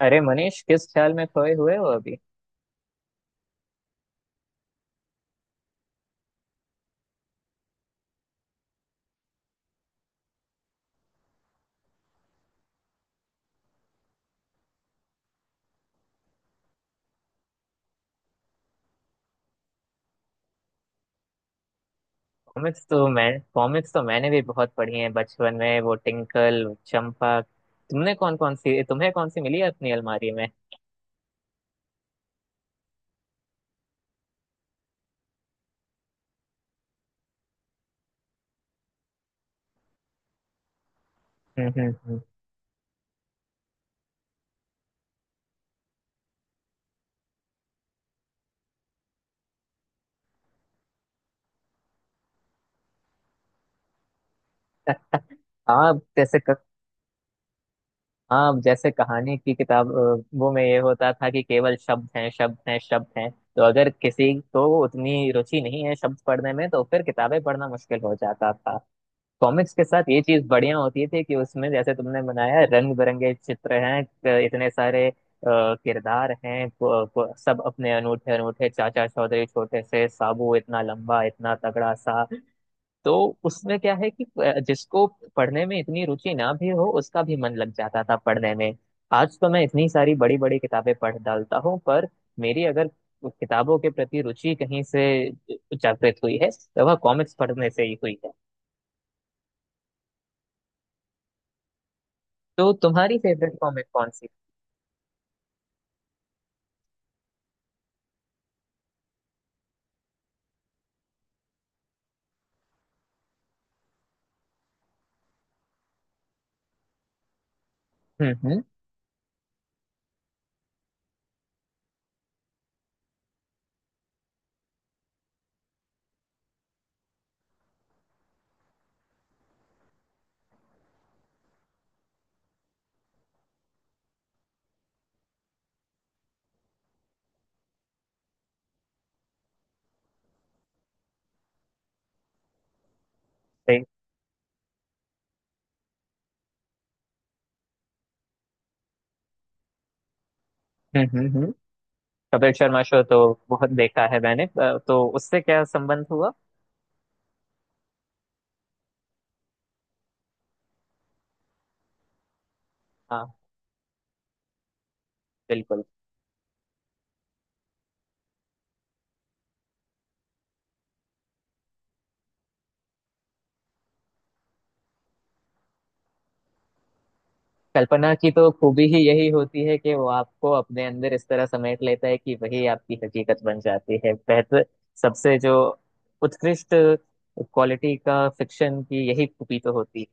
अरे मनीष किस ख्याल में खोए हुए हो अभी। कॉमिक्स तो मैं कॉमिक्स तो मैंने भी बहुत पढ़ी है बचपन में, वो टिंकल चंपक। तुमने कौन कौन सी तुम्हें कौन सी मिली है अपनी अलमारी में? हम्म हम्म हम्म। आप जैसे क- आप जैसे कहानी की किताब, वो में ये होता था कि केवल शब्द हैं, शब्द हैं, शब्द हैं, तो अगर किसी को उतनी रुचि नहीं है शब्द पढ़ने में, तो फिर किताबें पढ़ना मुश्किल हो जाता था। कॉमिक्स के साथ ये चीज बढ़िया होती थी कि उसमें, जैसे तुमने बनाया, रंग बिरंगे चित्र हैं, इतने सारे किरदार हैं, सब अपने अनूठे अनूठे, चाचा चौधरी छोटे से, साबू इतना लंबा इतना तगड़ा सा। तो उसमें क्या है कि जिसको पढ़ने में इतनी रुचि ना भी हो, उसका भी मन लग जाता था पढ़ने में। आज तो मैं इतनी सारी बड़ी बड़ी किताबें पढ़ डालता हूँ, पर मेरी अगर किताबों के प्रति रुचि कहीं से जागृत हुई है, तो वह कॉमिक्स पढ़ने से ही हुई है। तो तुम्हारी फेवरेट कॉमिक कौन सी? हम्म, सही। हम्म। कपिल शर्मा शो तो बहुत देखा है मैंने। तो उससे क्या संबंध हुआ? हाँ, बिल्कुल। कल्पना की तो खूबी ही यही होती है कि वो आपको अपने अंदर इस तरह समेट लेता है कि वही आपकी हकीकत बन जाती है। बेहतर सबसे जो उत्कृष्ट क्वालिटी का फिक्शन, की यही खूबी तो होती है।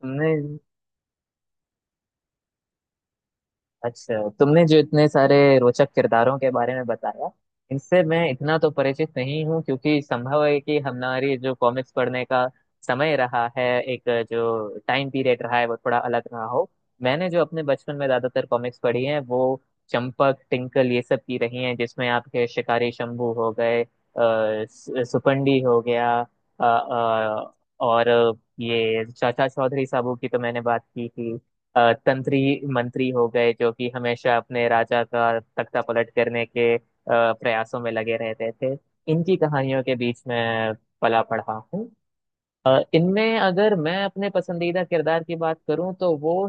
तुमने अच्छा, तुमने जो इतने सारे रोचक किरदारों के बारे में बताया, इनसे मैं इतना तो परिचित नहीं हूँ, क्योंकि संभव है कि हमारी जो कॉमिक्स पढ़ने का समय रहा है, एक जो टाइम पीरियड रहा है, वो थोड़ा अलग रहा हो। मैंने जो अपने बचपन में ज्यादातर कॉमिक्स पढ़ी हैं, वो चंपक टिंकल ये सब की रही हैं, जिसमें आपके शिकारी शंभू हो गए, सुपंडी हो गया, अ, अ, और ये चाचा चौधरी साहब की तो मैंने बात की थी। तंत्री मंत्री हो गए, जो कि हमेशा अपने राजा का तख्ता पलट करने के प्रयासों में लगे रहते थे। इनकी कहानियों के बीच में पला पढ़ा हूँ। इनमें अगर मैं अपने पसंदीदा किरदार की बात करूं, तो वो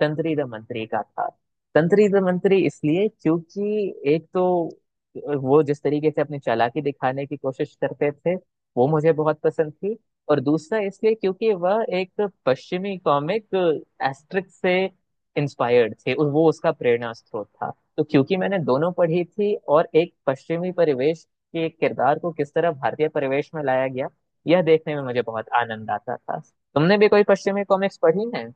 तंत्री द मंत्री का था। तंत्री द मंत्री इसलिए, क्योंकि एक तो वो जिस तरीके से अपनी चालाकी दिखाने की कोशिश करते थे, वो मुझे बहुत पसंद थी। और दूसरा इसलिए क्योंकि वह एक पश्चिमी कॉमिक एस्ट्रिक से इंस्पायर्ड थे, और वो उसका प्रेरणा स्रोत था। तो क्योंकि मैंने दोनों पढ़ी थी, और एक पश्चिमी परिवेश के किरदार को किस तरह भारतीय परिवेश में लाया गया, यह देखने में मुझे बहुत आनंद आता था। तुमने भी कोई पश्चिमी कॉमिक्स पढ़ी है?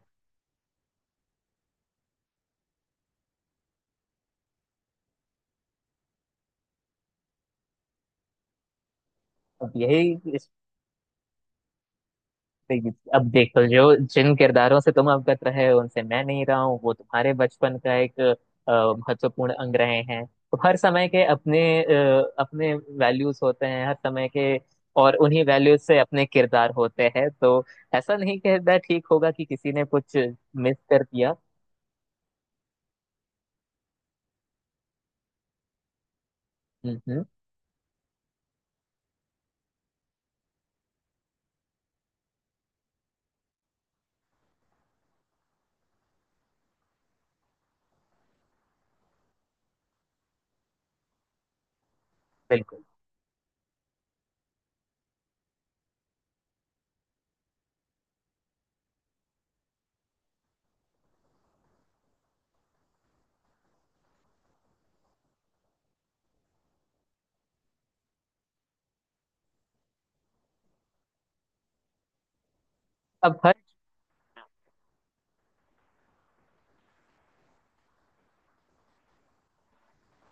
अब यही इस अब देखो, जो जिन किरदारों से तुम अवगत रहे हो, उनसे मैं नहीं रहा हूँ, वो तुम्हारे बचपन का एक महत्वपूर्ण अंग रहे हैं। तो हर समय के अपने अपने वैल्यूज होते हैं हर समय के। और उन्हीं वैल्यूज से अपने किरदार होते हैं। तो ऐसा नहीं कहना ठीक होगा कि किसी ने कुछ मिस कर दिया। हम्म हम्म, बिल्कुल। अब हर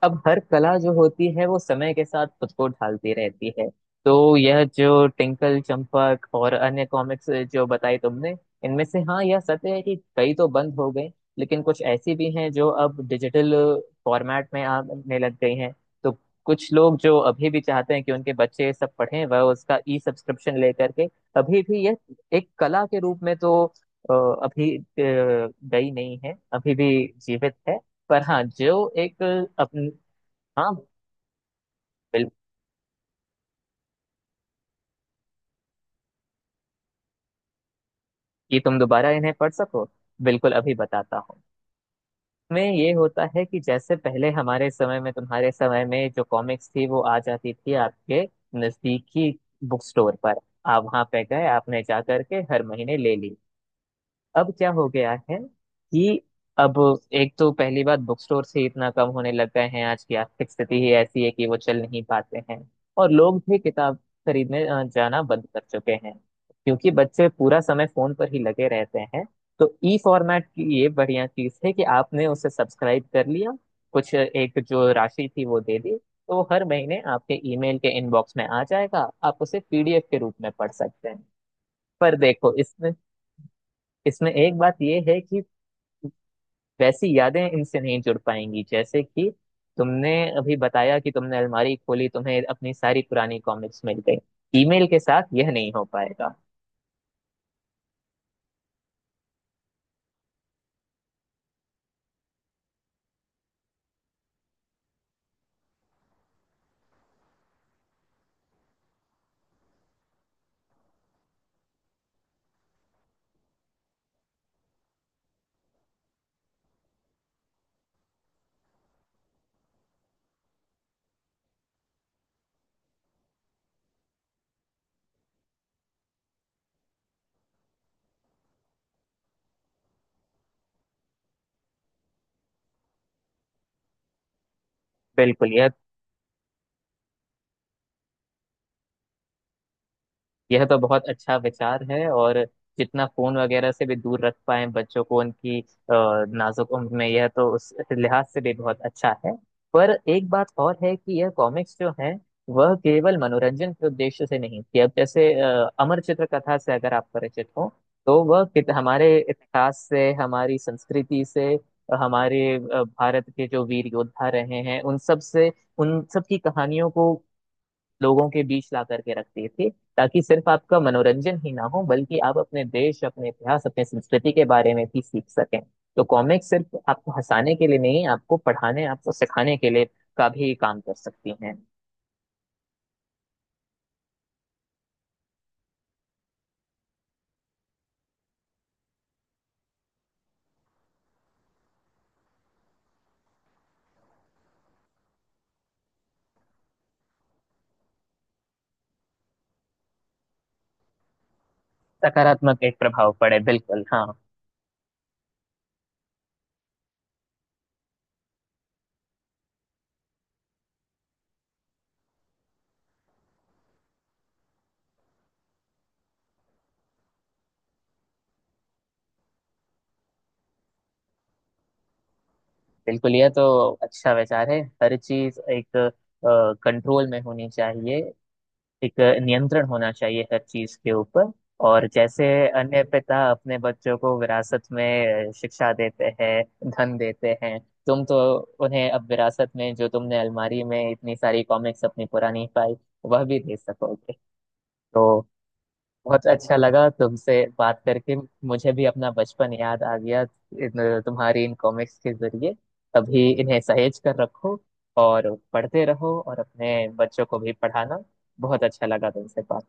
अब हर कला जो होती है, वो समय के साथ खुद को ढालती रहती है। तो यह जो टिंकल चंपक और अन्य कॉमिक्स जो बताई तुमने, इनमें से हाँ, यह सत्य है कि कई तो बंद हो गई, लेकिन कुछ ऐसी भी हैं जो अब डिजिटल फॉर्मेट में आने लग गई हैं। तो कुछ लोग जो अभी भी चाहते हैं कि उनके बच्चे ये सब पढ़ें, वह उसका ई सब्सक्रिप्शन लेकर के अभी भी यह एक कला के रूप में तो अभी गई नहीं है, अभी भी जीवित है। पर हाँ, जो एक हाँ बिल्कुल, कि तुम दोबारा इन्हें पढ़ सको, बिल्कुल अभी बताता हूँ। में ये होता है कि जैसे पहले हमारे समय में, तुम्हारे समय में जो कॉमिक्स थी, वो आ जाती थी आपके नजदीकी बुक स्टोर पर। आप वहां पे गए, आपने जा करके हर महीने ले ली। अब क्या हो गया है कि अब एक तो पहली बात, बुक स्टोर से इतना कम होने लग गए हैं, आज की आर्थिक स्थिति ही ऐसी है कि वो चल नहीं पाते हैं। और लोग भी किताब खरीदने जाना बंद कर चुके हैं, क्योंकि बच्चे पूरा समय फोन पर ही लगे रहते हैं। तो ई फॉर्मेट की ये बढ़िया चीज है कि आपने उसे सब्सक्राइब कर लिया, कुछ एक जो राशि थी वो दे दी, तो वो हर महीने आपके ईमेल के इनबॉक्स में आ जाएगा, आप उसे पीडीएफ के रूप में पढ़ सकते हैं। पर देखो इसमें, इसमें एक बात ये है कि वैसी यादें इनसे नहीं जुड़ पाएंगी, जैसे कि तुमने अभी बताया कि तुमने अलमारी खोली, तुम्हें अपनी सारी पुरानी कॉमिक्स मिल गई। ईमेल के साथ यह नहीं हो पाएगा। बिल्कुल यह तो बहुत अच्छा विचार है। और जितना फोन वगैरह से भी दूर रख पाए बच्चों को उनकी नाजुक उम्र में, यह तो उस लिहाज से भी बहुत अच्छा है। पर एक बात और है कि यह कॉमिक्स जो है, वह केवल मनोरंजन के उद्देश्य से नहीं थी। अब जैसे अमर चित्र कथा से अगर आप परिचित हो, तो वह हमारे इतिहास से, हमारी संस्कृति से, हमारे भारत के जो वीर योद्धा रहे हैं उन सब से, उन सब की कहानियों को लोगों के बीच ला करके रखते थे, ताकि सिर्फ आपका मनोरंजन ही ना हो, बल्कि आप अपने देश, अपने इतिहास, अपने संस्कृति के बारे में भी सीख सकें। तो कॉमिक्स सिर्फ आपको हंसाने के लिए नहीं, आपको पढ़ाने, आपको सिखाने के लिए का भी काम कर सकती हैं। सकारात्मक एक प्रभाव पड़े, बिल्कुल हाँ। बिल्कुल, यह तो अच्छा विचार है। हर चीज एक कंट्रोल में होनी चाहिए, एक नियंत्रण होना चाहिए हर चीज के ऊपर। और जैसे अन्य पिता अपने बच्चों को विरासत में शिक्षा देते हैं, धन देते हैं, तुम तो उन्हें अब विरासत में, जो तुमने अलमारी में इतनी सारी कॉमिक्स अपनी पुरानी पाई, वह भी दे सकोगे। तो बहुत अच्छा लगा तुमसे बात करके, मुझे भी अपना बचपन याद आ गया तुम्हारी इन कॉमिक्स के जरिए। अभी इन्हें सहेज कर रखो, और पढ़ते रहो, और अपने बच्चों को भी पढ़ाना। बहुत अच्छा लगा तुमसे बात।